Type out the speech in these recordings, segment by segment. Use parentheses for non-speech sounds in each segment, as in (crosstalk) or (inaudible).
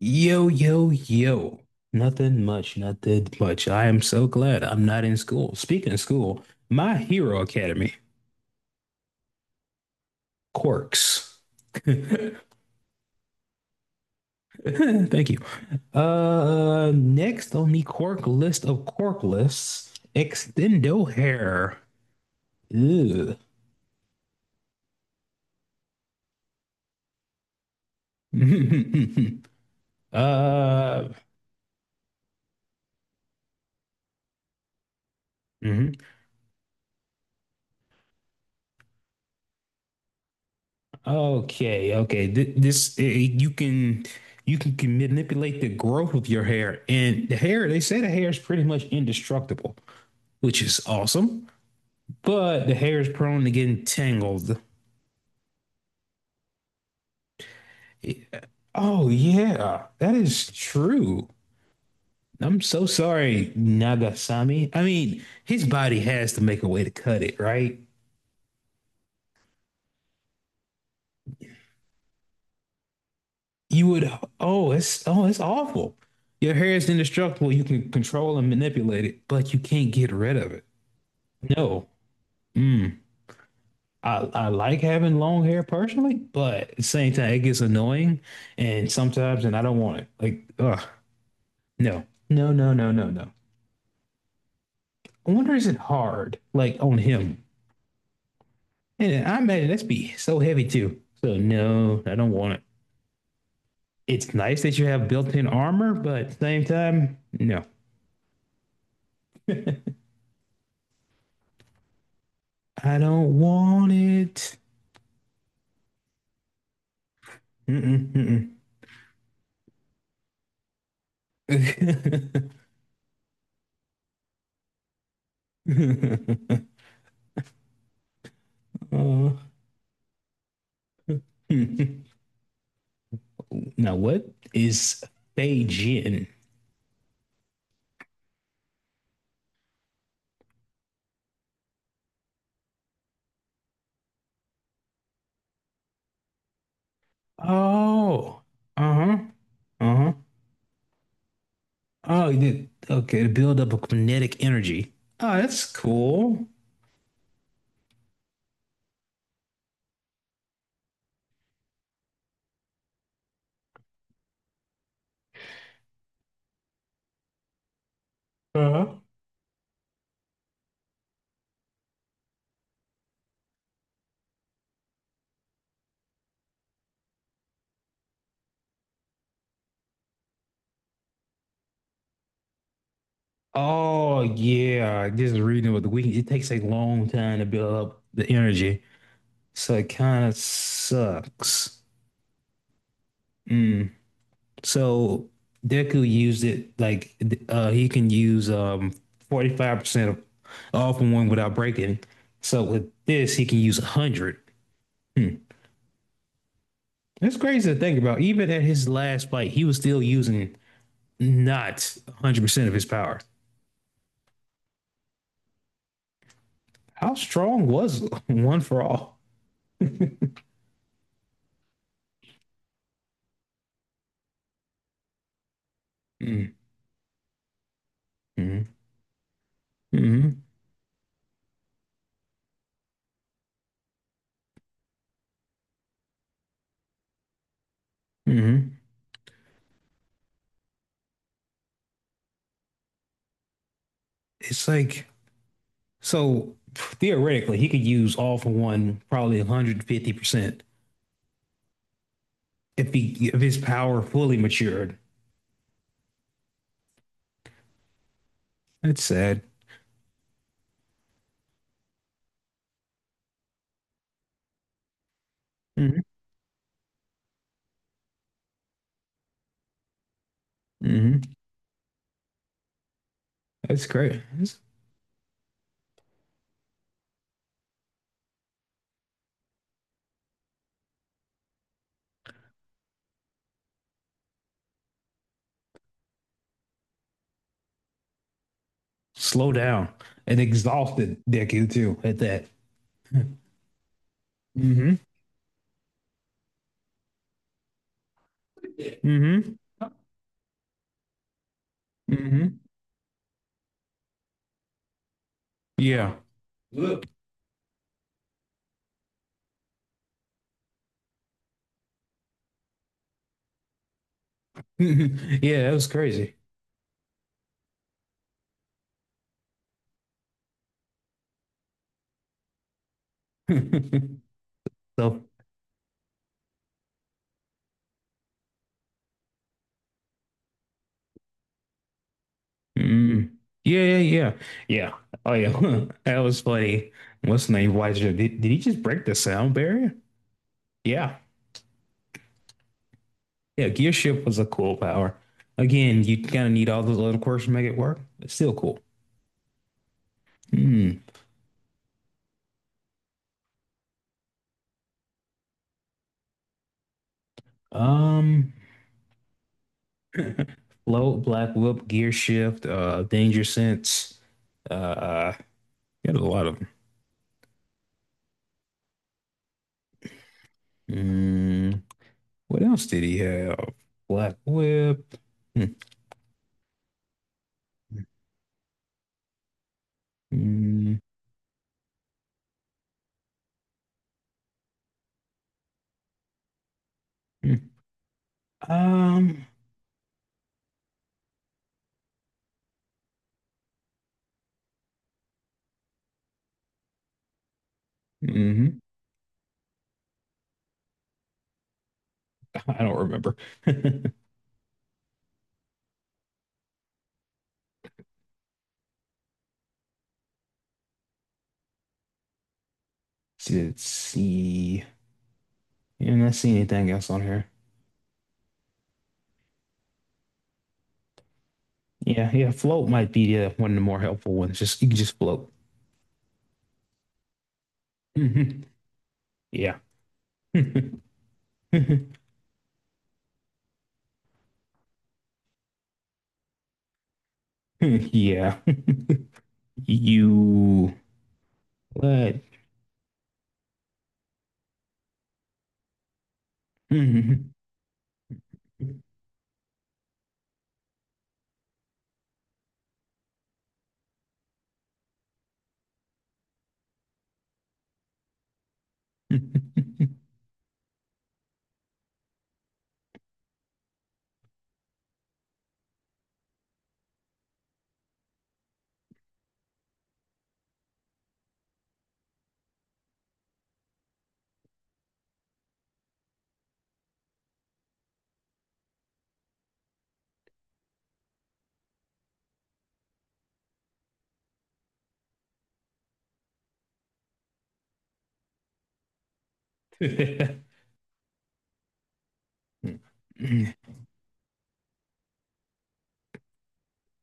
Yo, yo, yo. Nothing much, nothing much. I am so glad I'm not in school. Speaking of school, My Hero Academy, quirks. (laughs) Thank you. Next on the quirk list of quirk lists, Extendo Hair. Ew. (laughs) Uh, mhm. Okay, okay. This you can can manipulate the growth of your hair, and the hair is pretty much indestructible, which is awesome. But the hair is prone to getting tangled. Eh, Oh yeah, that is true. I'm so sorry, Nagasami. I mean, his body has to make a way to cut it, right? You would. Oh, it's awful. Your hair is indestructible. You can control and manipulate it, but you can't get rid of it. No. Mm. I like having long hair personally, but at the same time, it gets annoying and sometimes, and I don't want it. Like, ugh, no, no, no, no, no, no. I wonder, is it hard, like on him? And I imagine that's be so heavy too. So no, I don't want it. It's nice that you have built-in armor, but at the same time, no, I don't want it. Mm-mm, mm-mm. (laughs) Uh, (laughs) Now, what is Fei Jin? Oh, uh-huh. Uh-huh. Oh, you did. Okay, to build up a kinetic energy. Oh, that's cool. Uh-huh. Oh, yeah. Just reading with the week, it takes a long time to build up the energy. So it kind of sucks. Mm. So Deku used it like he can use 45% of all from one without breaking. So with this, he can use 100. It's crazy to think about. Even at his last fight, he was still using not 100% of his power. How strong was (laughs) one for all? Mm-hmm. Mm-hmm. Mm-hmm. It's like, so theoretically, he could use all for one probably 150% if, he, if his power fully matured. That's sad. Mm-hmm. Mm-hmm. That's great. That's slow down and exhausted, Dickie, too, at that. (laughs) Mm-hmm. Mm-hmm. Mm-hmm. Yeah. Look, (laughs) yeah, that was crazy. (laughs) So, mm, yeah, yeah, yeah, yeah. Oh yeah, (laughs) that was funny. What's the name? Why did he just break the sound barrier? Yeah, yeah. Gear shift was a cool power. Again, you kind of need all those little quirks to make it work. It's still cool. Hmm. Um, (laughs) Float, black whip, gear shift, danger sense. Uh, he had a lot of 'em. Mm, what else did he have? Black whip. Hmm. Mm, mm, um, mhm. (laughs) I don't remember. (laughs) Let's see? Yeah, I'm not see anything else on here. Yeah, yeah. Float might be one of the more helpful ones. Just you can just float. Mhm. Yeah. (laughs) Yeah. You what? (laughs)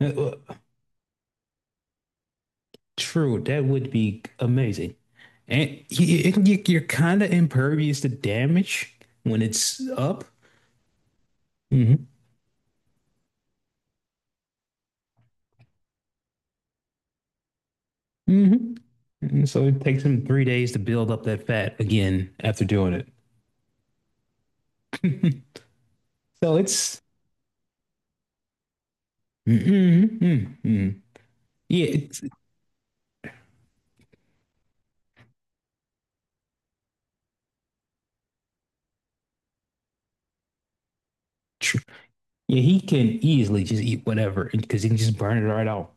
Uh, True, that would be amazing. And you're kind of impervious to damage when it's up. Hmm. Hmm. And so it takes him 3 days to build up that fat again after doing it. (laughs) So it's, mm, mm, mm. Yeah, it's true. Yeah, he can easily just eat whatever because he can just burn it right out.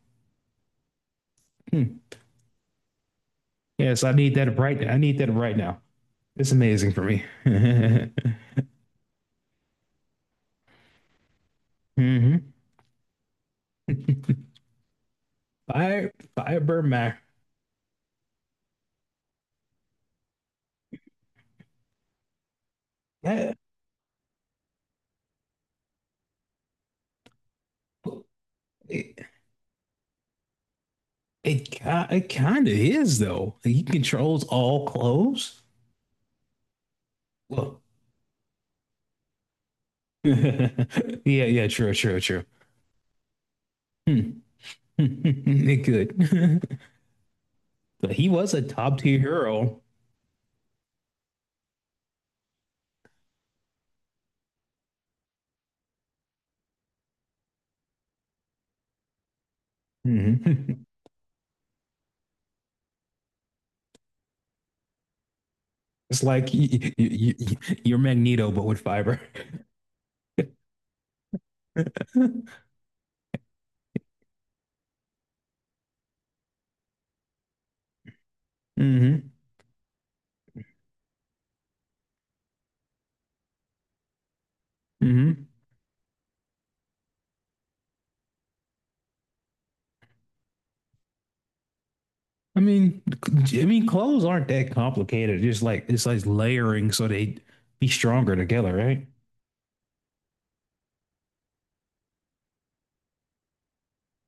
Hmm. Yes, I need that right now. I need that right now. It's amazing for me. (laughs) Hmm. (laughs) Fire, fiber mac. It it kind of is though. Like, he controls all clothes. Well, (laughs) yeah, yeah, true, true, true. Hmm. (laughs) It could, (laughs) but he was a top tier hero. Mhm. (laughs) It's like y- y- you're Magneto, but with fiber. (laughs) Hmm. Hmm. I mean, clothes aren't that complicated. Just like it's like layering so they be stronger together, right?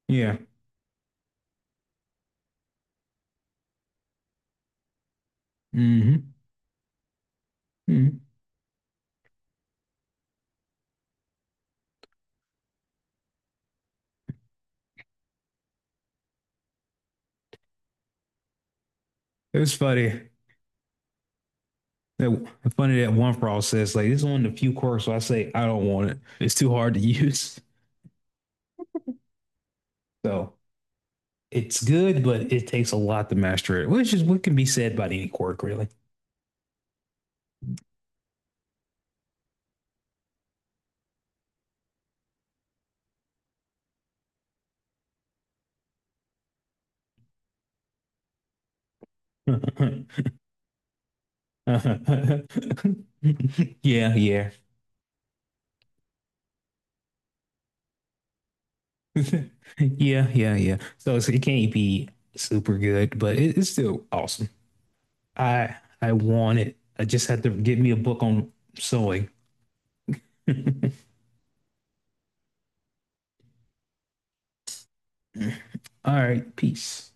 Yeah. Hmm. Hmm. It was funny. That it's funny that one fraud says like this is one of the few quirks where I say I don't want it. It's too hard to (laughs) use. So it's good, but it takes a lot to master it, which is what can be said about any quirk, really. (laughs) Yeah, yeah, (laughs) yeah, yeah, yeah. So it's, it can't be super good, but it, it's still awesome. I I want it. I just had to get me a book on sewing. All right, peace.